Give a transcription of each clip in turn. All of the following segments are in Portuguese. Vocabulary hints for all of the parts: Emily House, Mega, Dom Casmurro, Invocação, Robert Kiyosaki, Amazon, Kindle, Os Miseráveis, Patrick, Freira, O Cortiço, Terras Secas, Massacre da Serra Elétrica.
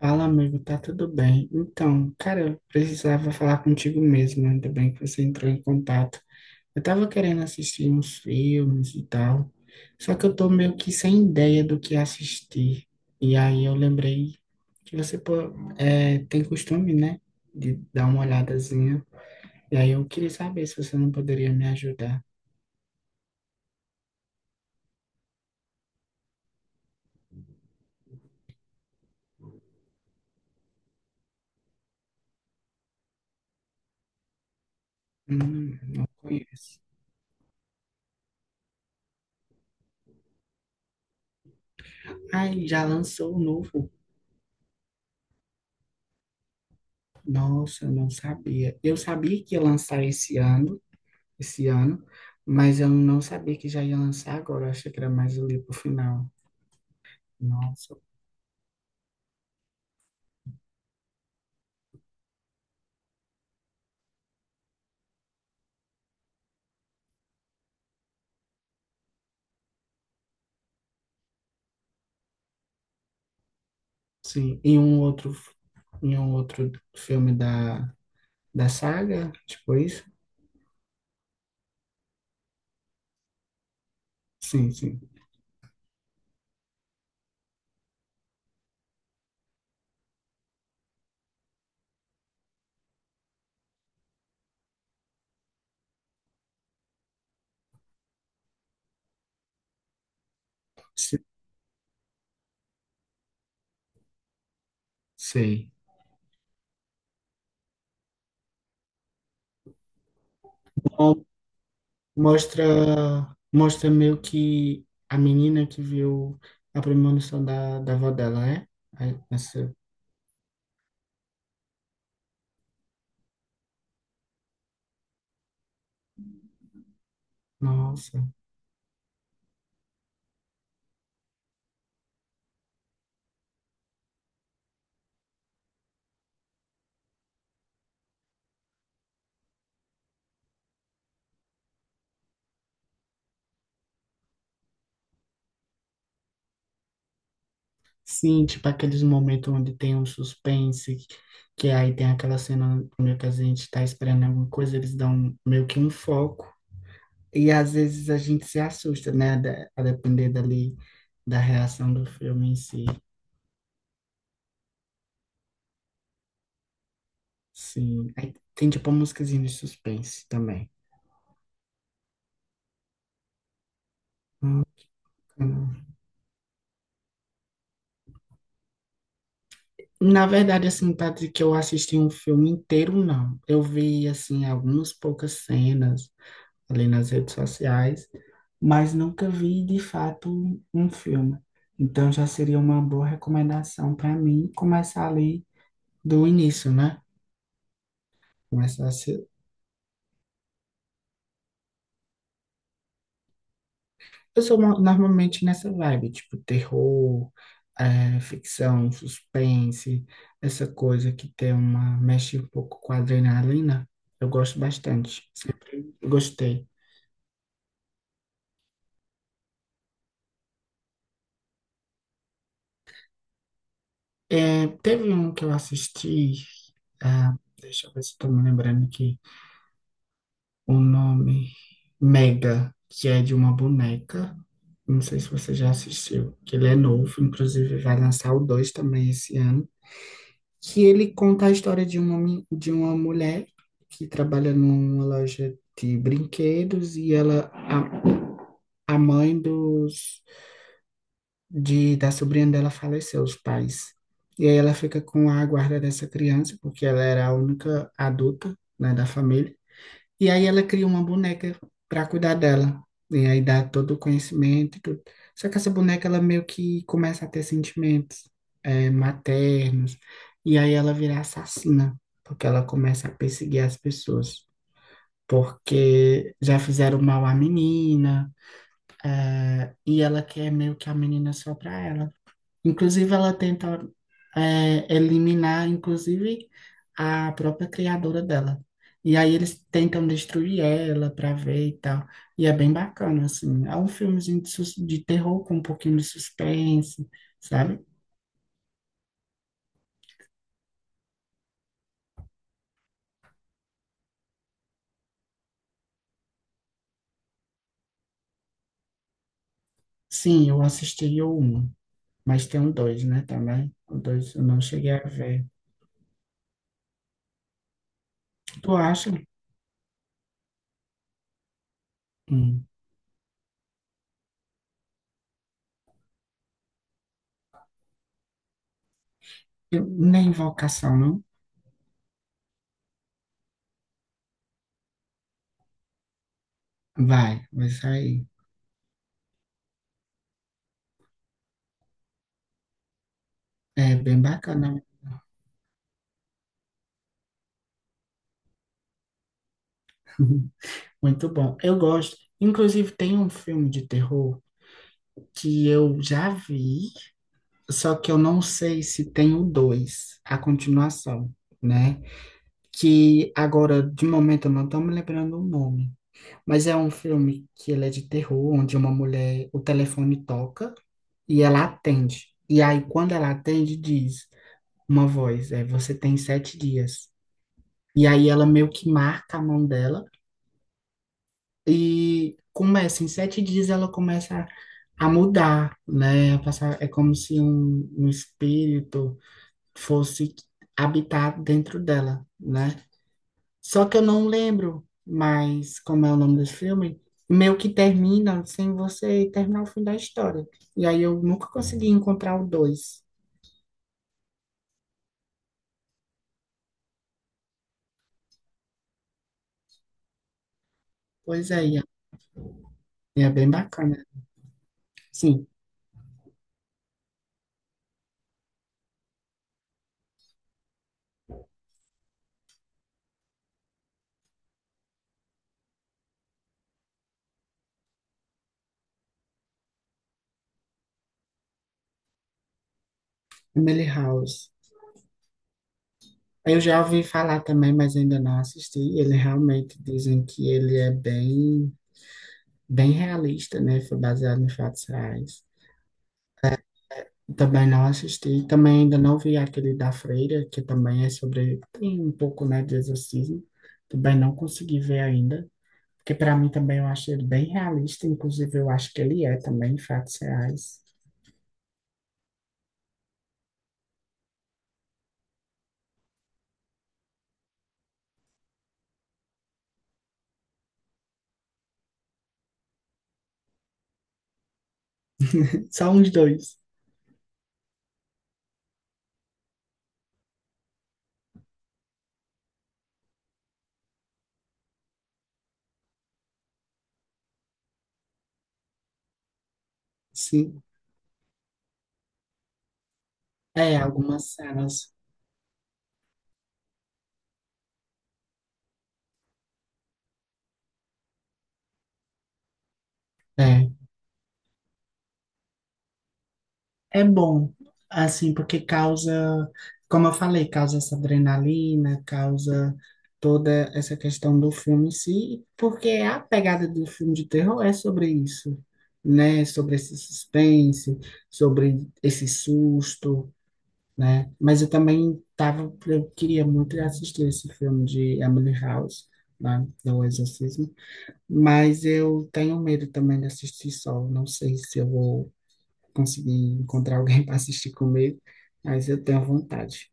Fala, amigo, tá tudo bem? Então, cara, eu precisava falar contigo mesmo, né? Ainda bem que você entrou em contato. Eu tava querendo assistir uns filmes e tal, só que eu tô meio que sem ideia do que assistir. E aí eu lembrei que você pô, tem costume, né, de dar uma olhadazinha. E aí eu queria saber se você não poderia me ajudar. Não conheço. Ai, já lançou o novo? Nossa, eu não sabia. Eu sabia que ia lançar esse ano. esse ano, mas eu não sabia que já ia lançar agora, eu achei que era mais ali pro final. Nossa, sim. Em um outro filme da saga, tipo isso? Sim, sim. Se- Sei. Mo- Mostra, mostra meio que a menina que viu a premonição da avó dela, é? Aí, Essa, nossa. Sim, tipo aqueles momentos onde tem um suspense, que aí tem aquela cena meio que a gente tá esperando alguma coisa, eles dão meio que um foco. E às vezes a gente se assusta, né? A depender dali da reação do filme em si. Sim. Aí tem tipo uma musiquinha de suspense também. Hum. Na verdade, assim, Patrick, eu assisti um filme inteiro, não. Eu vi, assim, algumas poucas cenas ali nas redes sociais, mas nunca vi de fato um filme. Então já seria uma boa recomendação para mim começar ali do início, né? Começar a ser... Eu sou normalmente nessa vibe, tipo terror, ficção, suspense, essa coisa que tem uma mexe um pouco com a adrenalina. Eu gosto bastante. Sempre gostei. Teve um que eu assisti, ah, deixa eu ver se estou me lembrando aqui. O nome Mega, que é de uma boneca. Não sei se você já assistiu, que ele é novo, inclusive vai lançar o 2 também esse ano. Que ele conta a história de um homem, de uma mulher que trabalha numa loja de brinquedos e a mãe da sobrinha dela faleceu, os pais. E aí ela fica com a guarda dessa criança, porque ela era a única adulta, né, da família. E aí ela cria uma boneca para cuidar dela. E aí dá todo o conhecimento e tudo. Só que essa boneca, ela meio que começa a ter sentimentos maternos. E aí ela vira assassina, porque ela começa a perseguir as pessoas. Porque já fizeram mal à menina, e ela quer meio que a menina só para ela. Inclusive, ela tenta eliminar, inclusive, a própria criadora dela. E aí eles tentam destruir ela para ver e tal. E é bem bacana, assim. É um filmezinho de, de terror com um pouquinho de suspense, sabe? Sim, eu assisti o um, mas tem o dois, né, também. O dois eu não cheguei a ver. Tu acha? Hum. Nem Invocação, não? Vai, vai sair. É bem bacana. Muito bom. Eu gosto. Inclusive, tem um filme de terror que eu já vi, só que eu não sei se tem o 2 a continuação, né? Que agora, de momento, eu não estou me lembrando o nome. Mas é um filme que ele é de terror, onde uma mulher, o telefone toca e ela atende. E aí, quando ela atende, diz uma voz, é, você tem 7 dias. E aí ela meio que marca a mão dela. E começa, em 7 dias ela começa a mudar, né? A passar, é como se um espírito fosse habitar dentro dela, né? Só que eu não lembro mais como é o nome desse filme. Meio que termina sem você terminar o fim da história. E aí eu nunca consegui encontrar o dois. Pois é, e é bem bacana. Sim, Emily House. Eu já ouvi falar também, mas ainda não assisti. Ele realmente dizem que ele é bem realista, né? Foi baseado em fatos reais. Também não assisti, também ainda não vi aquele da Freira, que também é sobre, tem um pouco, né, de exorcismo. Também não consegui ver ainda, porque para mim também eu acho ele bem realista, inclusive eu acho que ele é também fatos reais. Só uns dois, sim. É, algumas cenas. É. É bom, assim, porque causa, como eu falei, causa essa adrenalina, causa toda essa questão do filme em si, porque a pegada do filme de terror é sobre isso, né? Sobre esse suspense, sobre esse susto, né? Mas eu também tava, eu queria muito assistir esse filme de Emily House, né? Do Exorcismo, mas eu tenho medo também de assistir só, não sei se eu vou conseguir encontrar alguém para assistir comigo, mas eu tenho vontade.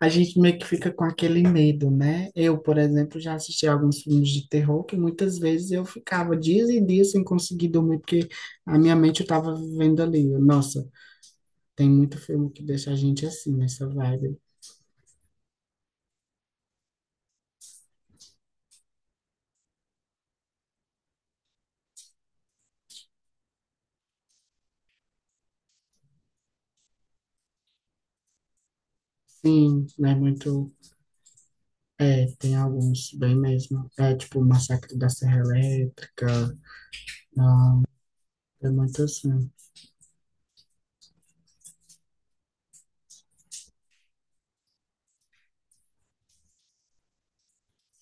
A gente meio que fica com aquele medo, né? Eu, por exemplo, já assisti alguns filmes de terror que muitas vezes eu ficava dias e dias sem conseguir dormir, porque a minha mente eu estava vivendo ali. Nossa, tem muito filme que deixa a gente assim, nessa vibe. Sim, não é muito. É, tem alguns bem mesmo. É tipo Massacre da Serra Elétrica. Não, é muito assim.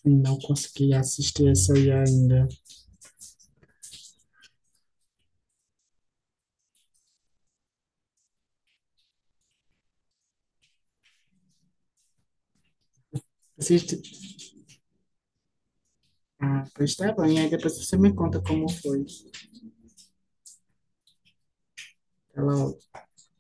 Sim, não consegui assistir esse aí ainda. Assiste. Ah, pois tá bom. E aí depois você me conta como foi. Até logo.